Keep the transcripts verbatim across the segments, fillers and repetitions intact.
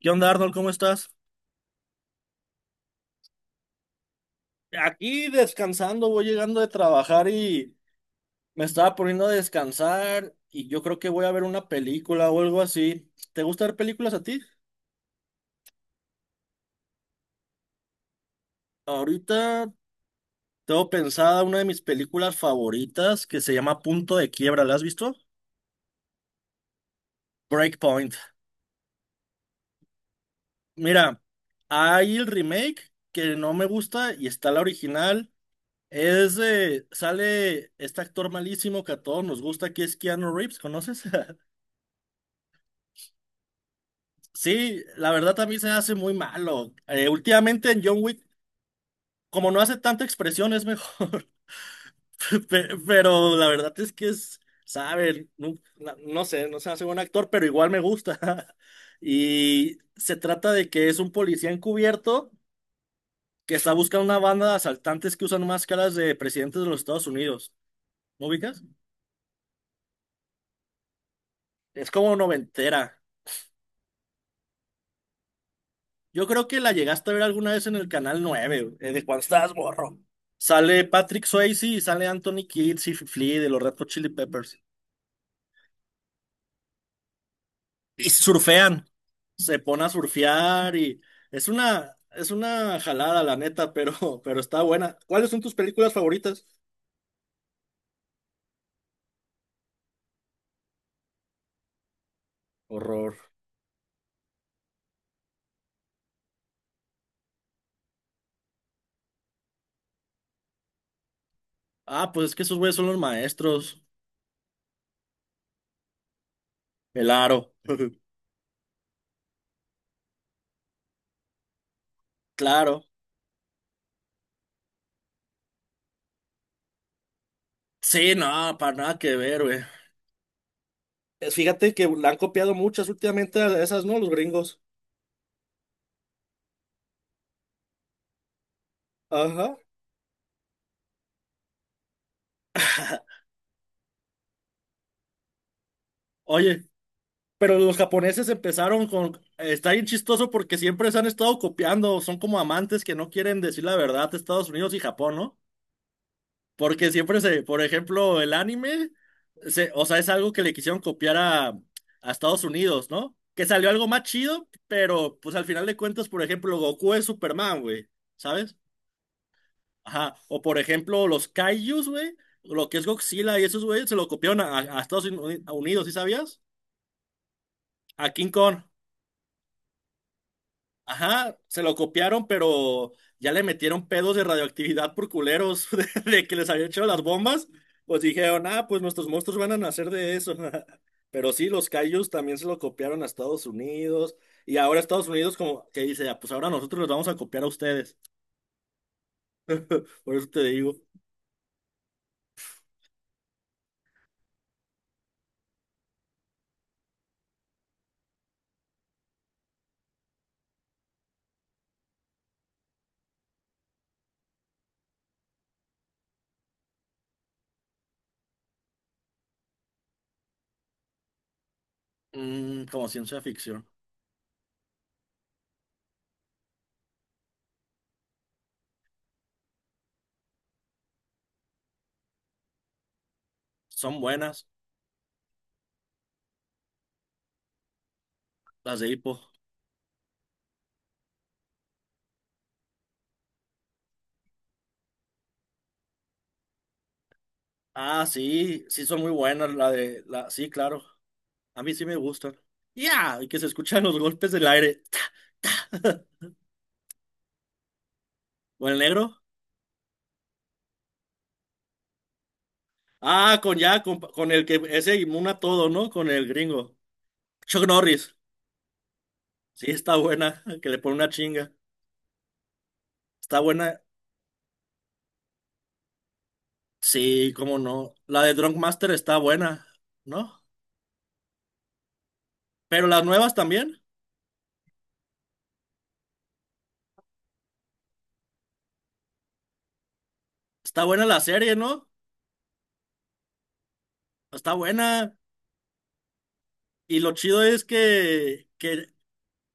¿Qué onda, Arnold? ¿Cómo estás? Aquí descansando, voy llegando de trabajar y me estaba poniendo a descansar y yo creo que voy a ver una película o algo así. ¿Te gusta ver películas a ti? Ahorita tengo pensada una de mis películas favoritas que se llama Punto de Quiebra. ¿La has visto? Breakpoint. Mira, hay el remake que no me gusta y está la original. Es de, sale este actor malísimo que a todos nos gusta, que es Keanu Reeves, ¿conoces? Sí, la verdad a mí se hace muy malo. Eh, últimamente en John Wick, como no hace tanta expresión, es mejor. Pe- Pero la verdad es que es, saben, no, la- no sé, no se hace buen actor, pero igual me gusta. Y se trata de que es un policía encubierto que está buscando una banda de asaltantes que usan máscaras de presidentes de los Estados Unidos. ¿No ubicas? Es como noventera. Yo creo que la llegaste a ver alguna vez en el Canal nueve, eh, de cuando estabas morro. Sale Patrick Swayze y sale Anthony Kidd y Flea de los Red Hot Chili Peppers. Y surfean, se pone a surfear y es una, es una jalada, la neta, pero, pero está buena. ¿Cuáles son tus películas favoritas? Horror. Ah, pues es que esos güeyes son los maestros. El Aro. Claro. Sí, no, para nada que ver, güey. Eh, Fíjate que la han copiado muchas últimamente a esas, ¿no? Los gringos. Ajá. Oye, pero los japoneses empezaron con... Está bien chistoso porque siempre se han estado copiando, son como amantes que no quieren decir la verdad, Estados Unidos y Japón, ¿no? Porque siempre se, por ejemplo, el anime, se- o sea, es algo que le quisieron copiar a, a Estados Unidos, ¿no? Que salió algo más chido, pero pues al final de cuentas, por ejemplo, Goku es Superman, güey, ¿sabes? Ajá. O por ejemplo, los Kaijus, güey, lo que es Godzilla y esos, güey, se lo copiaron a, a Estados Uni- Unidos, ¿sí sabías? A King Kong. Ajá, se lo copiaron, pero ya le metieron pedos de radioactividad por culeros de, de que les habían echado las bombas. Pues dijeron, ah, pues nuestros monstruos van a nacer de eso. Pero sí, los Kaijus también se lo copiaron a Estados Unidos. Y ahora Estados Unidos como que dice, ah, pues ahora nosotros los vamos a copiar a ustedes. Por eso te digo, mm, como ciencia ficción. Son buenas las de Hippo. Ah, sí, sí son muy buenas la de la sí, claro. A mí sí me gustan. Ya, y que se escuchan los golpes del aire. ¿Con el negro? Ah, con ya, con, con el que ese inmuna todo, ¿no? Con el gringo. Chuck Norris. Sí, está buena, que le pone una chinga. Está buena. Sí, cómo no. La de Drunk Master está buena, ¿no? Pero las nuevas también. Está buena la serie, ¿no? Está buena. Y lo chido es que, que,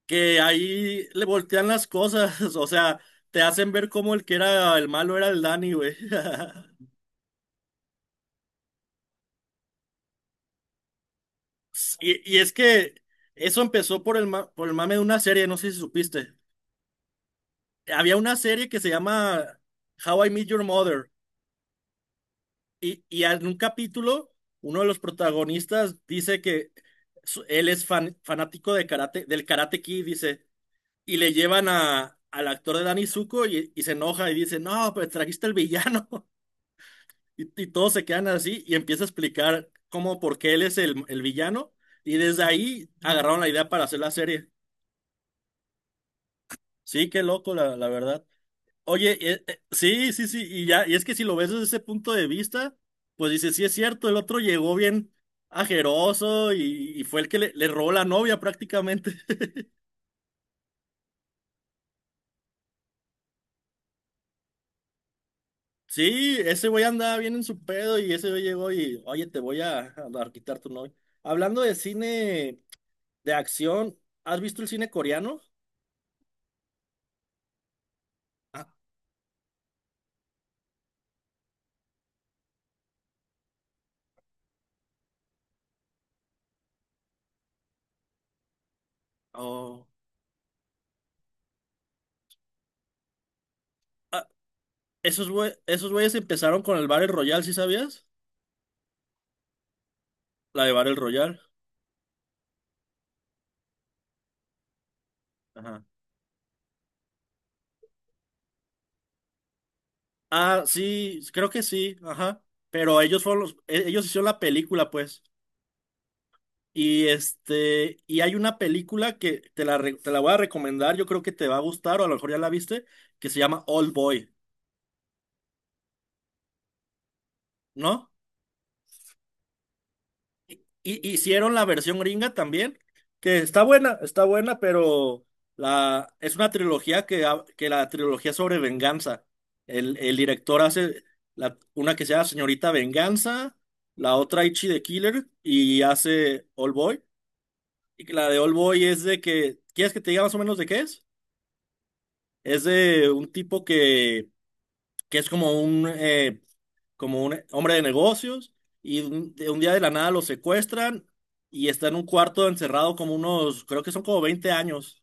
que ahí le voltean las cosas. O sea, te hacen ver cómo el que era el malo era el Danny, güey. Y, y es que eso empezó por el, ma- por el mame de una serie, no sé si supiste. Había una serie que se llama How I Met Your Mother. Y, y en un capítulo, uno de los protagonistas dice que su- él es fan- fanático de karate, del Karate Kid, dice. Y le llevan a, al actor de Danny Zuko y, y se enoja y dice, no, pues trajiste el villano. Y, y todos se quedan así y empieza a explicar cómo, por qué él es el, el villano. Y desde ahí agarraron la idea para hacer la serie. Sí, qué loco, la, la verdad. Oye, eh, eh, sí, sí, sí, y ya, y es que si lo ves desde ese punto de vista, pues dices, sí es cierto, el otro llegó bien ajeroso y, y fue el que le, le robó la novia prácticamente. Sí, ese güey andaba bien en su pedo y ese güey llegó y, oye, te voy a, a quitar tu novia. Hablando de cine de acción, ¿has visto el cine coreano? Ah, oh. Ah, esos güey, esos güeyes empezaron con el Battle Royale, ¿sí sabías? La de Battle Royale. Ajá. Ah, sí, creo que sí, ajá. Pero ellos fueron los, e- ellos hicieron la película, pues. Y este, y hay una película que te la, re- te la voy a recomendar, yo creo que te va a gustar, o a lo mejor ya la viste, que se llama Old Boy, ¿no? Y- Hicieron la versión gringa también, que está buena, está buena, pero la, es una trilogía que, ha- que la trilogía sobre venganza. El, el director hace la, una que se llama Señorita Venganza, la otra Ichi the Killer y hace All Boy. Y que la de All Boy es de que, ¿quieres que te diga más o menos de qué es? Es de un tipo que, que es como un eh, como un hombre de negocios y un, de un día de la nada lo secuestran y está en un cuarto encerrado como unos, creo que son como veinte años.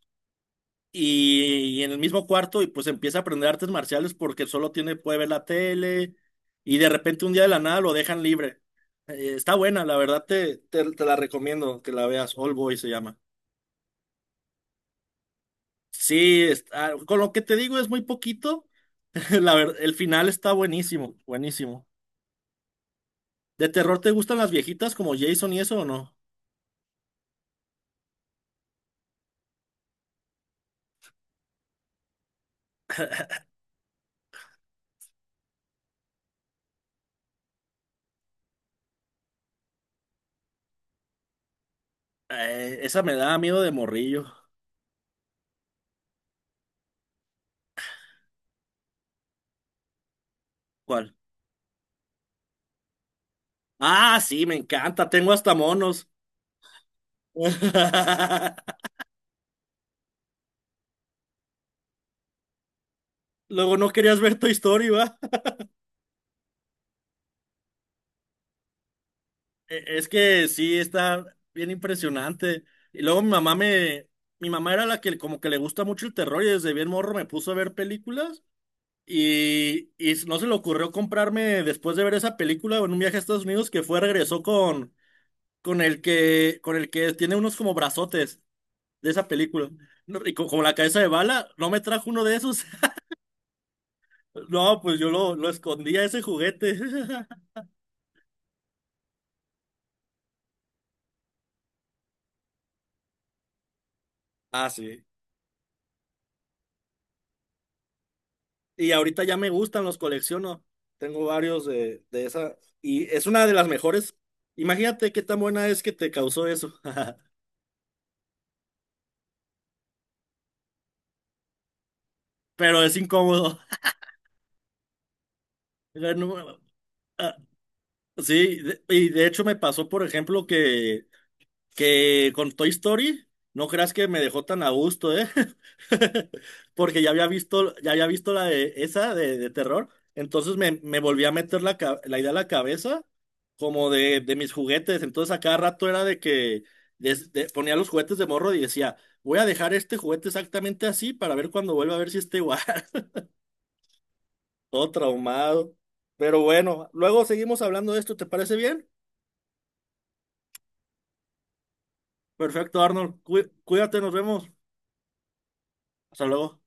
Y, y en el mismo cuarto y pues empieza a aprender artes marciales porque solo tiene, puede ver la tele y de repente un día de la nada lo dejan libre. Eh, está buena, la verdad te, te, te la recomiendo que la veas. All Boy se llama. Sí, está- con lo que te digo es muy poquito. La verdad, el final está buenísimo, buenísimo. ¿De terror te gustan las viejitas como Jason y eso o no? Eh, esa me da miedo de morrillo. ¿Cuál? Ah, sí, me encanta. Tengo hasta monos. Luego no querías ver tu historia, ¿va? E- Es que sí, está bien impresionante. Y luego mi mamá me... Mi mamá era la que como que le gusta mucho el terror y desde bien morro me puso a ver películas y, y no se le ocurrió comprarme después de ver esa película en un viaje a Estados Unidos que fue, regresó con, con el que, con el que tiene unos como brazotes de esa película. No, y co- como la cabeza de bala, no me trajo uno de esos. No, pues yo lo, lo escondía ese juguete. Ah, sí. Y ahorita ya me gustan, los colecciono. Tengo varios de, de esa. Y es una de las mejores. Imagínate qué tan buena es que te causó eso. Pero es incómodo. No, ah, sí, de- y de hecho me pasó, por ejemplo, que, que con Toy Story, no creas que me dejó tan a gusto, ¿eh? Porque ya había visto, ya había visto la de esa de, de terror. Entonces me, me volví a meter la, ca- la idea a la cabeza como de, de mis juguetes. Entonces a cada rato era de que des- de- ponía los juguetes de morro y decía, voy a dejar este juguete exactamente así para ver cuando vuelva a ver si está igual. Todo traumado. Pero bueno, luego seguimos hablando de esto, ¿te parece bien? Perfecto, Arnold. Cuí- Cuídate, nos vemos. Hasta luego.